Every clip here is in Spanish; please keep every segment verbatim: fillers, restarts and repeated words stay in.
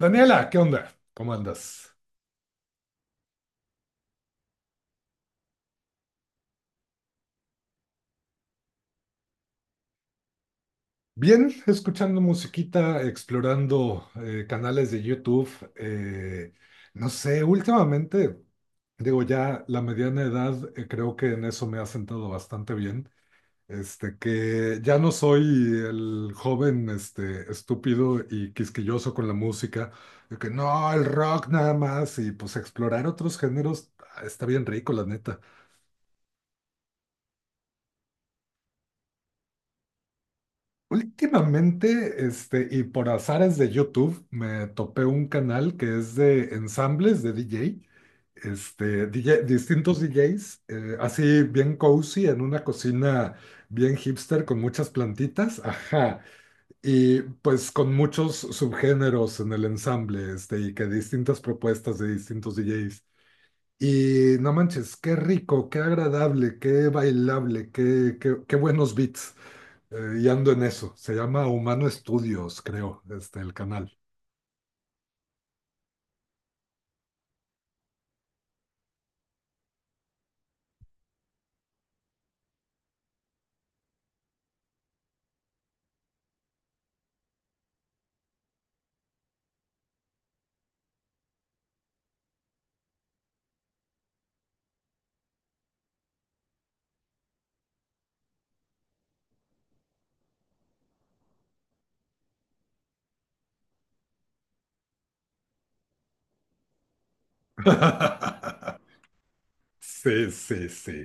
Daniela, ¿qué onda? ¿Cómo andas? Bien, escuchando musiquita, explorando eh, canales de YouTube. eh, no sé, últimamente, digo, ya la mediana edad, eh, creo que en eso me ha sentado bastante bien. Este, que ya no soy el joven, este, estúpido y quisquilloso con la música, de que no, el rock nada más, y pues explorar otros géneros, ah, está bien rico, la neta. Últimamente, este, y por azares de YouTube, me topé un canal que es de ensambles de DJ, este, DJ distintos D Js, eh, así bien cozy, en una cocina bien hipster con muchas plantitas, ajá, y pues con muchos subgéneros en el ensamble, este, y que distintas propuestas de distintos D Js. Y no manches, qué rico, qué agradable, qué bailable, qué, qué, qué buenos beats. Eh, y ando en eso. Se llama Humano Estudios, creo, este, el canal. Sí, sí, sí.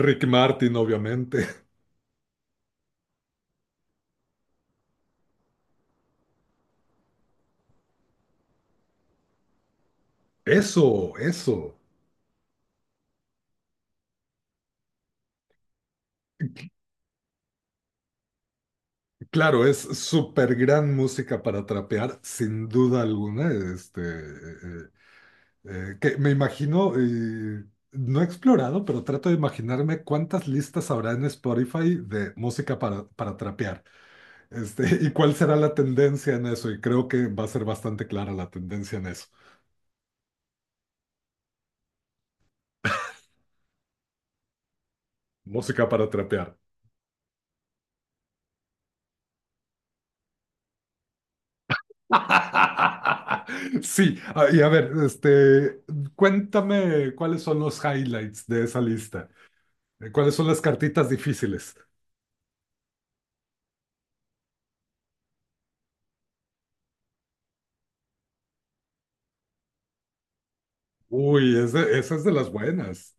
Rick Martin, obviamente. Eso, eso. Claro, es súper gran música para trapear, sin duda alguna. Este, eh, eh, que me imagino, eh, no he explorado, pero trato de imaginarme cuántas listas habrá en Spotify de música para, para trapear. Este, y cuál será la tendencia en eso. Y creo que va a ser bastante clara la tendencia en eso. Música para trapear. Sí, ah, y a ver, este, cuéntame cuáles son los highlights de esa lista. Eh, ¿Cuáles son las cartitas difíciles? Uy, es de- esa es de las buenas.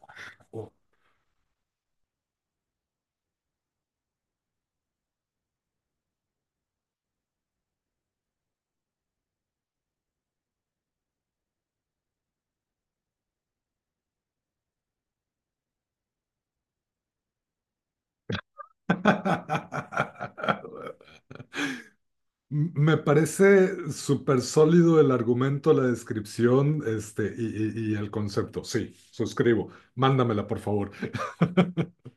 Me parece súper sólido el argumento, la descripción, este, y, y- y el concepto. Sí, suscribo. Mándamela, por favor.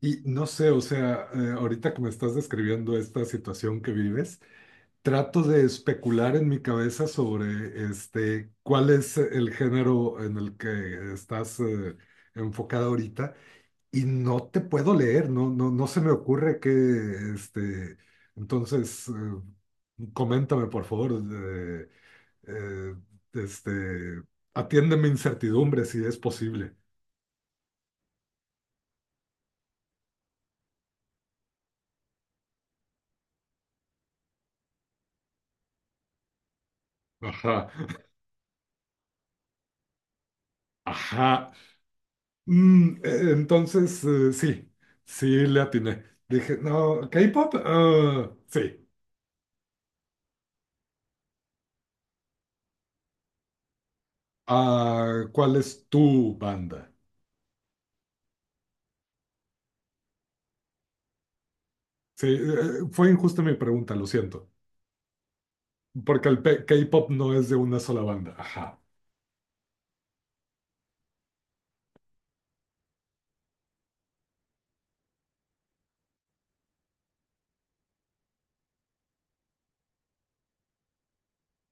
Y no sé, o sea, eh, ahorita que me estás describiendo esta situación que vives. Trato de especular en mi cabeza sobre este, cuál es el género en el que estás eh, enfocada ahorita, y no te puedo leer. No, no, no se me ocurre que, este, entonces, eh, coméntame por favor, eh, eh, este, atiende mi incertidumbre si es posible. Ajá, ajá. Mm, eh, entonces, eh, sí, sí le atiné. Dije, no, K-pop, ah, sí. Ah, ¿cuál es tu banda? Sí, eh, eh, fue injusta mi pregunta, lo siento, porque el pe- K-pop no es de una sola banda. Ajá,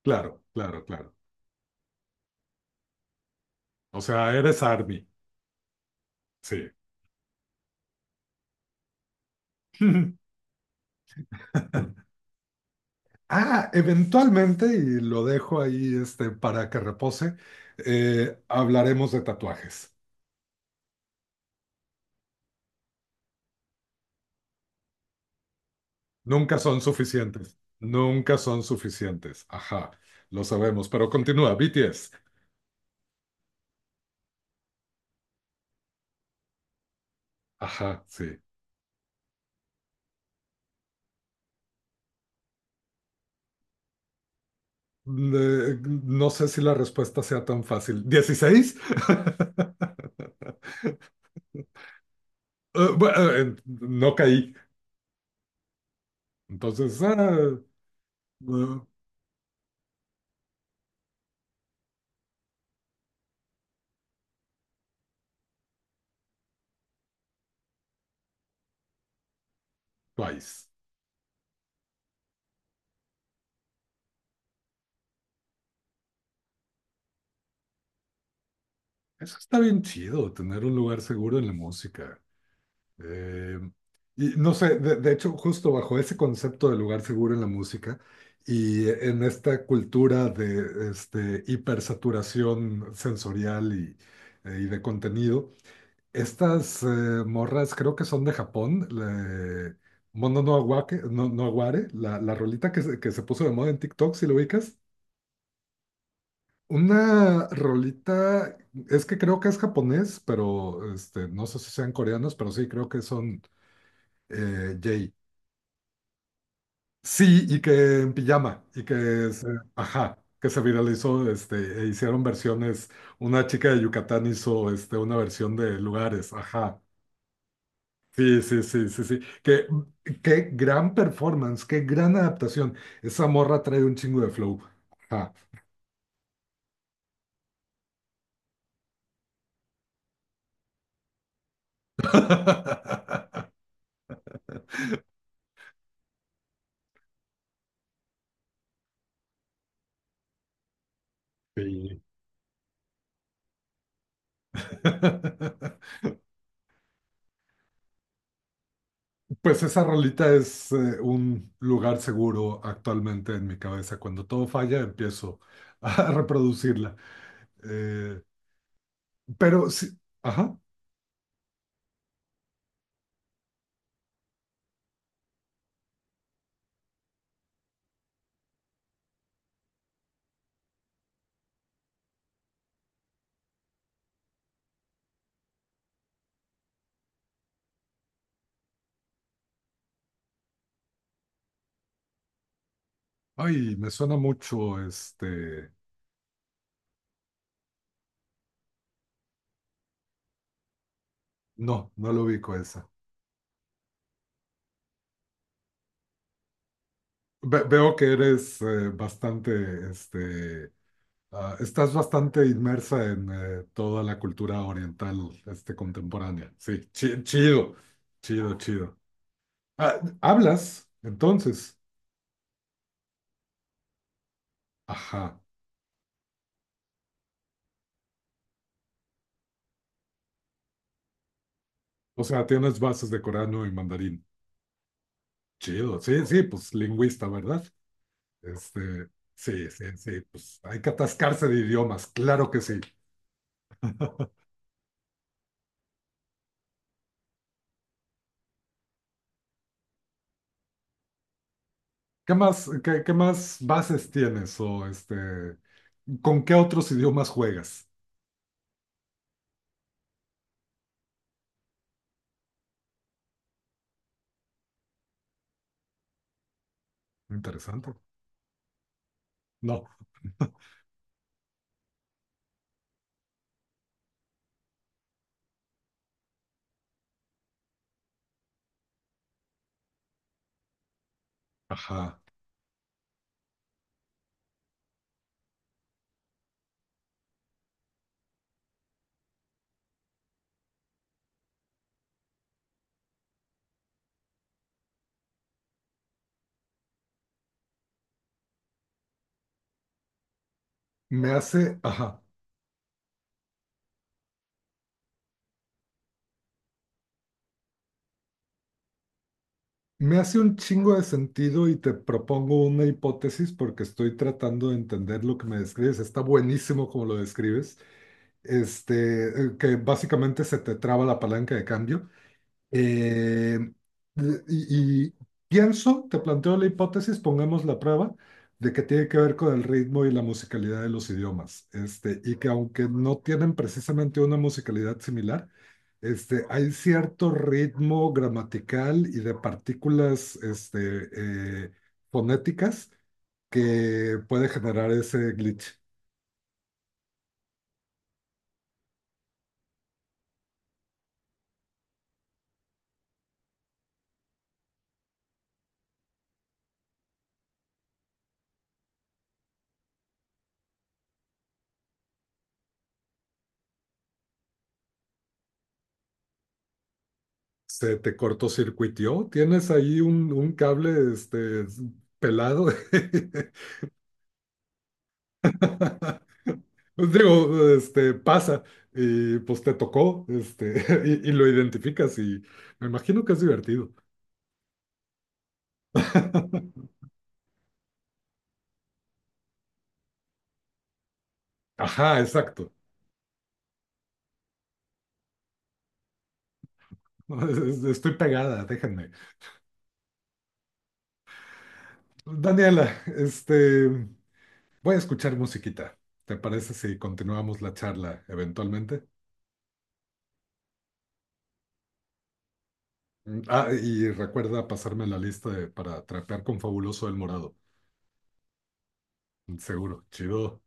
claro, claro, claro. O sea, eres ARMY, sí. Ah, eventualmente, y lo dejo ahí, este, para que repose, eh, hablaremos de tatuajes. Nunca son suficientes, nunca son suficientes. Ajá, lo sabemos, pero continúa, B T S. Ajá, sí. Le- no sé si la respuesta sea tan fácil. Dieciséis. Eh, bueno, eh, no caí. Entonces, ah, eh, Twice. Eso está bien chido, tener un lugar seguro en la música. Eh, y no sé, de, de hecho, justo bajo ese concepto de lugar seguro en la música y en esta cultura de este, hipersaturación sensorial y, eh, y de contenido. Estas eh, morras creo que son de Japón. la- Mono no Awake- no, no Aware, la, la rolita que se, que se puso de moda en TikTok, si lo ubicas. Una rolita, es que creo que es japonés, pero este, no sé si sean coreanos, pero sí, creo que son eh, Jay. Sí, y que en pijama, y que se, ajá, que se viralizó. Este, e hicieron versiones. Una chica de Yucatán hizo este, una versión de lugares, ajá. Sí, sí, sí, sí, sí. Qué, qué gran performance, qué gran adaptación. Esa morra trae un chingo de flow. Ajá. Sí. Pues esa rolita es eh, un lugar seguro actualmente en mi cabeza. Cuando todo falla, empiezo a reproducirla. Eh, pero sí, ajá. Ay, me suena mucho este. No, no lo ubico esa. Ve- veo que eres eh, bastante este. Ah, estás bastante inmersa en eh, toda la cultura oriental, este, contemporánea. Sí, chi- chido, chido, chido. Ah, ¿hablas? Entonces, ajá. O sea, tienes bases de coreano y mandarín. Chido, sí, sí, pues lingüista, ¿verdad? Este, sí, sí, sí, pues hay que atascarse de idiomas, claro que sí. ¿Qué más, qué, qué más bases tienes o este, con qué otros idiomas juegas? Interesante. No, ajá. Me hace, ajá. Me hace un chingo de sentido y te propongo una hipótesis porque estoy tratando de entender lo que me describes. Está buenísimo como lo describes. Este, eh, que básicamente se te traba la palanca de cambio. Eh, y, y pienso, te planteo la hipótesis, pongamos la prueba, de que tiene que ver con el ritmo y la musicalidad de los idiomas. Este, y que aunque no tienen precisamente una musicalidad similar, este, hay cierto ritmo gramatical y de partículas, este, eh, fonéticas, que puede generar ese glitch. Se te cortocircuitió, tienes ahí un, un cable, este, pelado. Pues digo, este, pasa y pues te tocó, este, y, y lo identificas y me imagino que es divertido. Ajá, exacto. No, Es- es- Estoy pegada, déjenme. Daniela, este, voy a escuchar musiquita. ¿Te parece si continuamos la charla eventualmente? Mm, Ah, y recuerda pasarme la lista de- para trapear con Fabuloso el Morado. Seguro, chido.